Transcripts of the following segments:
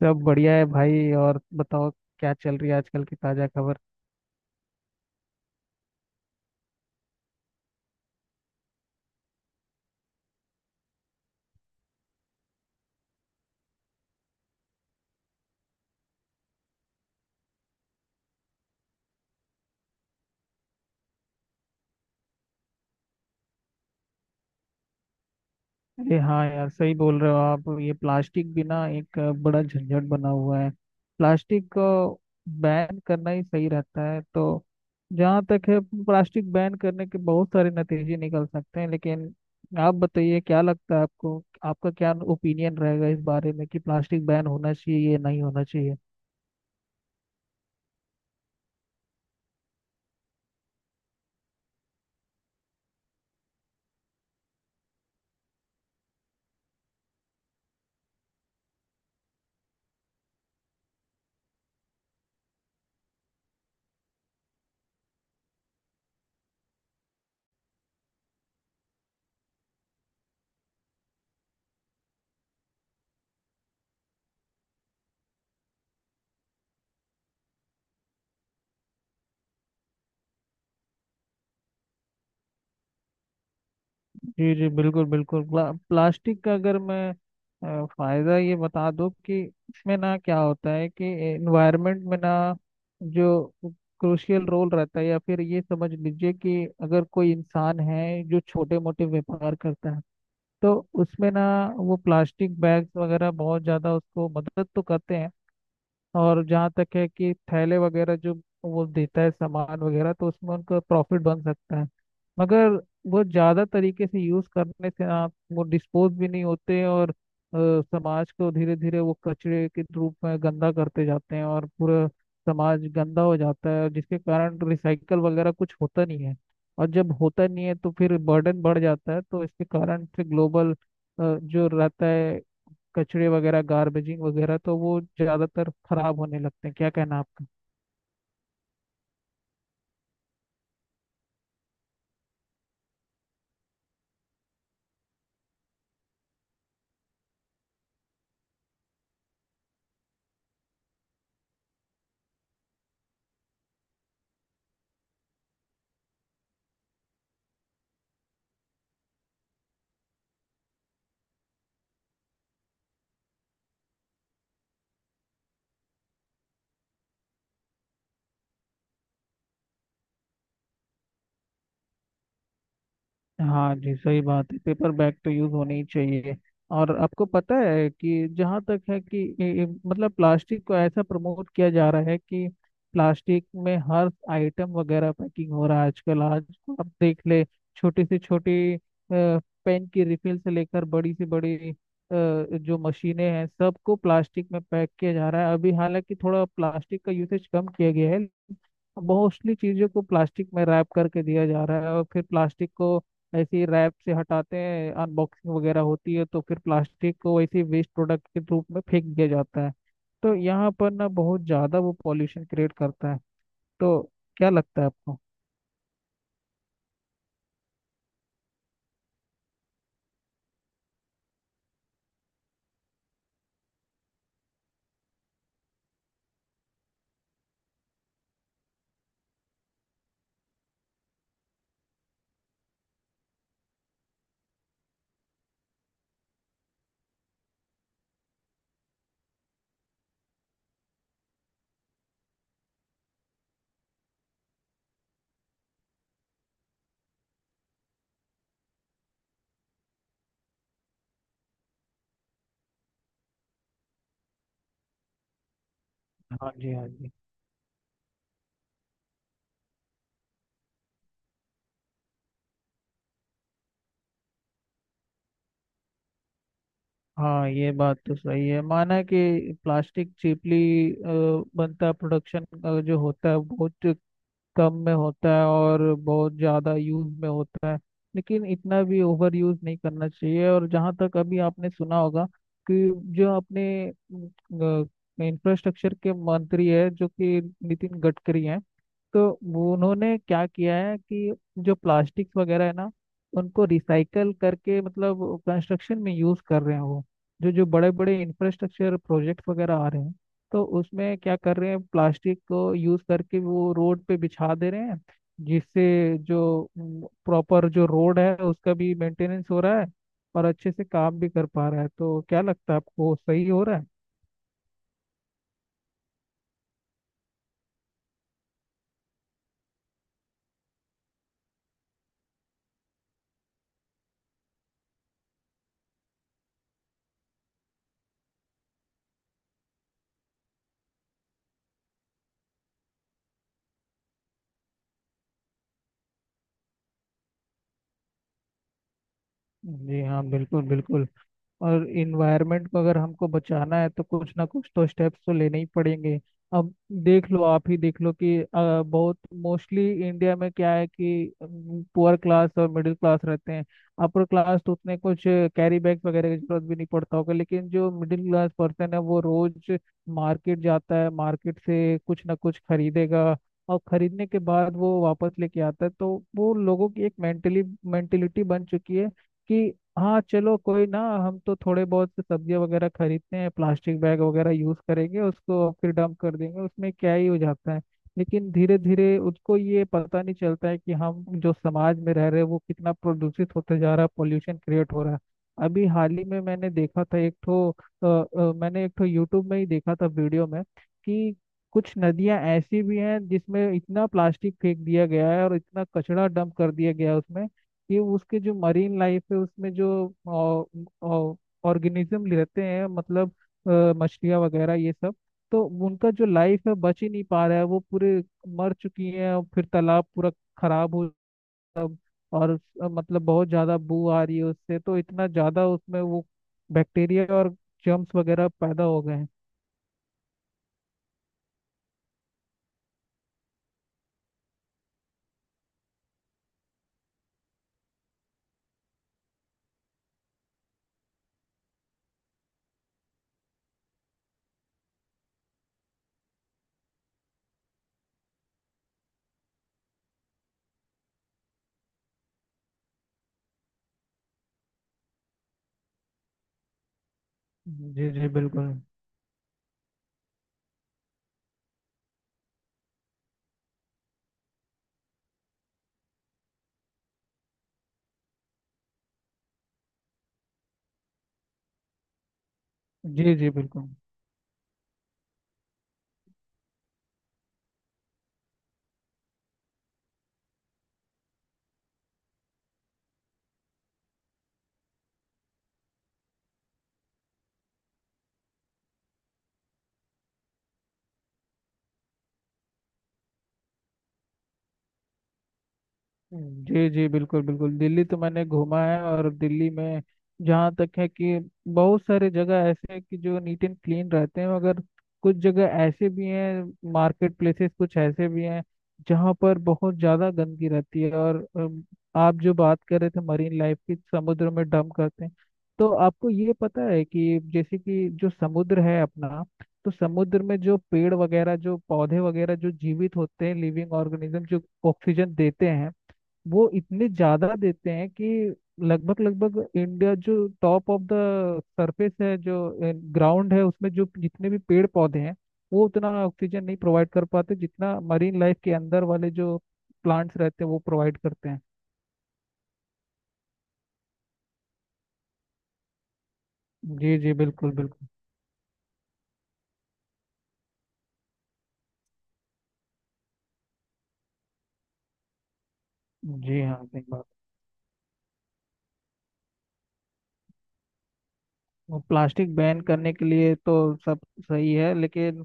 सब बढ़िया है भाई। और बताओ क्या चल रही है आजकल की ताजा खबर? अरे हाँ यार, सही बोल रहे हो आप। ये प्लास्टिक भी ना एक बड़ा झंझट बना हुआ है। प्लास्टिक को बैन करना ही सही रहता है तो जहाँ तक है, प्लास्टिक बैन करने के बहुत सारे नतीजे निकल सकते हैं, लेकिन आप बताइए क्या लगता है आपको, आपका क्या ओपिनियन रहेगा इस बारे में कि प्लास्टिक बैन होना चाहिए या नहीं होना चाहिए? जी जी, बिल्कुल बिल्कुल। प्लास्टिक का अगर मैं फायदा ये बता दूं कि इसमें ना क्या होता है कि एनवायरनमेंट में ना जो क्रूशियल रोल रहता है, या फिर ये समझ लीजिए कि अगर कोई इंसान है जो छोटे मोटे व्यापार करता है तो उसमें ना वो प्लास्टिक बैग्स वगैरह बहुत ज़्यादा उसको मदद तो करते हैं। और जहाँ तक है कि थैले वगैरह जो वो देता है सामान वगैरह, तो उसमें उनका प्रॉफिट बन सकता है। मगर वो ज़्यादा तरीके से यूज़ करने से आप वो डिस्पोज भी नहीं होते, और समाज को धीरे धीरे वो कचरे के रूप में गंदा करते जाते हैं और पूरा समाज गंदा हो जाता है, जिसके कारण रिसाइकल वगैरह कुछ होता नहीं है। और जब होता नहीं है तो फिर बर्डन बढ़ जाता है, तो इसके कारण से ग्लोबल जो रहता है, कचरे वगैरह, गार्बेजिंग वगैरह, तो वो ज्यादातर खराब होने लगते हैं। क्या कहना आपका? हाँ जी, सही बात है। पेपर बैग तो यूज होनी ही चाहिए। और आपको पता है कि जहाँ तक है कि मतलब प्लास्टिक को ऐसा प्रमोट किया जा रहा है कि प्लास्टिक में हर आइटम वगैरह पैकिंग हो रहा है आजकल। आज आप देख ले छोटी से छोटी पेन की रिफिल से लेकर बड़ी से बड़ी जो मशीनें हैं, सबको प्लास्टिक में पैक किया जा रहा है। अभी हालांकि थोड़ा प्लास्टिक का यूसेज कम किया गया है, मोस्टली चीज़ों को प्लास्टिक में रैप करके दिया जा रहा है, और फिर प्लास्टिक को ऐसे ही रैप से हटाते हैं, अनबॉक्सिंग वगैरह होती है, तो फिर प्लास्टिक को वैसे वेस्ट प्रोडक्ट के रूप में फेंक दिया जाता है। तो यहाँ पर ना बहुत ज़्यादा वो पॉल्यूशन क्रिएट करता है। तो क्या लगता है आपको? हाँ जी, हाँ जी। हाँ ये बात तो सही है। माना कि प्लास्टिक चीपली बनता, प्रोडक्शन जो होता है बहुत कम में होता है और बहुत ज़्यादा यूज में होता है, लेकिन इतना भी ओवर यूज नहीं करना चाहिए। और जहाँ तक, अभी आपने सुना होगा कि जो अपने इंफ्रास्ट्रक्चर के मंत्री है जो कि नितिन गडकरी हैं, तो वो उन्होंने क्या किया है कि जो प्लास्टिक्स वगैरह है ना, उनको रिसाइकल करके मतलब कंस्ट्रक्शन में यूज कर रहे हैं। वो जो जो बड़े बड़े इंफ्रास्ट्रक्चर प्रोजेक्ट वगैरह आ रहे हैं, तो उसमें क्या कर रहे हैं, प्लास्टिक को यूज करके वो रोड पे बिछा दे रहे हैं, जिससे जो प्रॉपर जो रोड है उसका भी मेंटेनेंस हो रहा है और अच्छे से काम भी कर पा रहा है। तो क्या लगता है आपको, सही हो रहा है? जी हाँ, बिल्कुल बिल्कुल। और इन्वायरमेंट को अगर हमको बचाना है तो कुछ ना कुछ तो स्टेप्स तो लेने ही पड़ेंगे। अब देख लो, आप ही देख लो कि बहुत मोस्टली इंडिया में क्या है कि पुअर क्लास और मिडिल क्लास रहते हैं। अपर क्लास तो उतने कुछ कैरी बैग वगैरह की जरूरत भी नहीं पड़ता होगा, लेकिन जो मिडिल क्लास पर्सन है वो रोज मार्केट जाता है, मार्केट से कुछ ना कुछ खरीदेगा और खरीदने के बाद वो वापस लेके आता है। तो वो लोगों की एक मेंटली मेंटेलिटी बन चुकी है कि हाँ चलो कोई ना, हम तो थोड़े बहुत से सब्जियाँ वगैरह खरीदते हैं, प्लास्टिक बैग वगैरह यूज़ करेंगे उसको और फिर डंप कर देंगे, उसमें क्या ही हो जाता है। लेकिन धीरे धीरे उसको ये पता नहीं चलता है कि हम जो समाज में रह रहे हैं वो कितना प्रदूषित होते जा रहा है, पॉल्यूशन क्रिएट हो रहा है। अभी हाल ही में मैंने देखा था एक ठो मैंने एक ठो यूट्यूब में ही देखा था, वीडियो में, कि कुछ नदियां ऐसी भी हैं जिसमें इतना प्लास्टिक फेंक दिया गया है और इतना कचरा डंप कर दिया गया है उसमें, ये उसके जो मरीन लाइफ है उसमें जो ऑर्गेनिज्म रहते हैं, मतलब मछलियाँ वगैरह ये सब, तो उनका जो लाइफ है बच ही नहीं पा रहा है, वो पूरे मर चुकी हैं। और फिर तालाब पूरा खराब हो सब, और मतलब बहुत ज़्यादा बू आ रही है उससे, तो इतना ज़्यादा उसमें वो बैक्टीरिया और जर्म्स वगैरह पैदा हो गए हैं। जी जी बिल्कुल। जी जी बिल्कुल। जी जी, बिल्कुल बिल्कुल। दिल्ली तो मैंने घूमा है, और दिल्ली में जहाँ तक है कि बहुत सारे जगह ऐसे हैं कि जो नीट एंड क्लीन रहते हैं, मगर कुछ जगह ऐसे भी हैं, मार्केट प्लेसेस कुछ ऐसे भी हैं जहाँ पर बहुत ज़्यादा गंदगी रहती है। और आप जो बात कर रहे थे मरीन लाइफ की, समुद्र में डंप करते हैं, तो आपको ये पता है कि जैसे कि जो समुद्र है अपना, तो समुद्र में जो पेड़ वगैरह जो पौधे वगैरह जो जीवित होते हैं, लिविंग ऑर्गेनिज्म, जो ऑक्सीजन देते हैं, वो इतने ज्यादा देते हैं कि लगभग लगभग इंडिया जो टॉप ऑफ द सरफेस है, जो ग्राउंड है, उसमें जो जितने भी पेड़ पौधे हैं वो उतना ऑक्सीजन नहीं प्रोवाइड कर पाते जितना मरीन लाइफ के अंदर वाले जो प्लांट्स रहते हैं वो प्रोवाइड करते हैं। जी जी बिल्कुल बिल्कुल। जी हाँ, सही बात। वो प्लास्टिक बैन करने के लिए तो सब सही है, लेकिन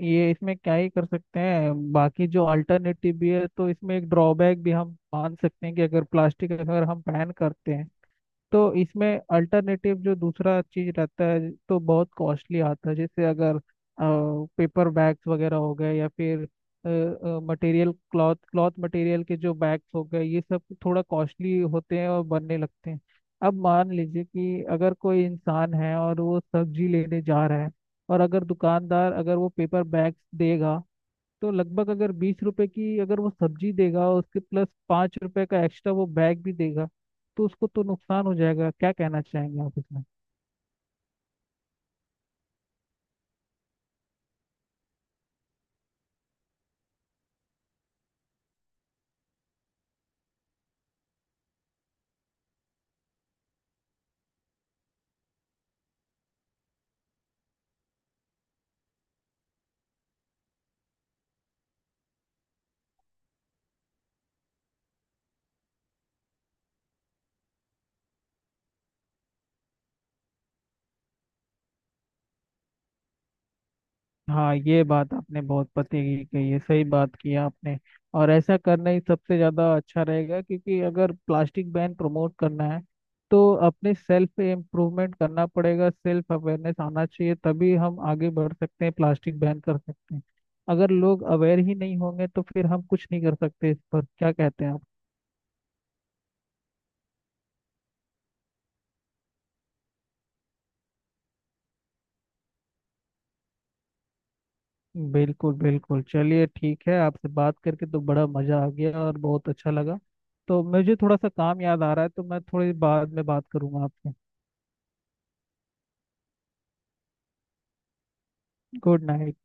ये इसमें क्या ही कर सकते हैं। बाकी जो अल्टरनेटिव भी है तो इसमें एक ड्रॉबैक भी हम मान सकते हैं कि अगर प्लास्टिक अगर हम बैन करते हैं, तो इसमें अल्टरनेटिव जो दूसरा चीज रहता है तो बहुत कॉस्टली आता है। जैसे अगर पेपर बैग्स वगैरह हो गए, या फिर मटेरियल, क्लॉथ क्लॉथ मटेरियल के जो बैग्स हो गए, ये सब थोड़ा कॉस्टली होते हैं और बनने लगते हैं। अब मान लीजिए कि अगर कोई इंसान है और वो सब्जी लेने जा रहा है, और अगर दुकानदार अगर वो पेपर बैग्स देगा, तो लगभग अगर 20 रुपए की अगर वो सब्जी देगा और उसके प्लस 5 रुपए का एक्स्ट्रा वो बैग भी देगा, तो उसको तो नुकसान हो जाएगा। क्या कहना चाहेंगे आप इसमें? हाँ, ये बात आपने बहुत पते की कही है, सही बात की है आपने। और ऐसा करना ही सबसे ज्यादा अच्छा रहेगा, क्योंकि अगर प्लास्टिक बैन प्रमोट करना है तो अपने सेल्फ इम्प्रूवमेंट करना पड़ेगा, सेल्फ अवेयरनेस आना चाहिए, तभी हम आगे बढ़ सकते हैं, प्लास्टिक बैन कर सकते हैं। अगर लोग अवेयर ही नहीं होंगे तो फिर हम कुछ नहीं कर सकते। इस पर क्या कहते हैं आप? बिल्कुल बिल्कुल। चलिए ठीक है, आपसे बात करके तो बड़ा मज़ा आ गया और बहुत अच्छा लगा। तो मुझे थोड़ा सा काम याद आ रहा है, तो मैं थोड़ी बाद में बात करूंगा आपसे। Good night.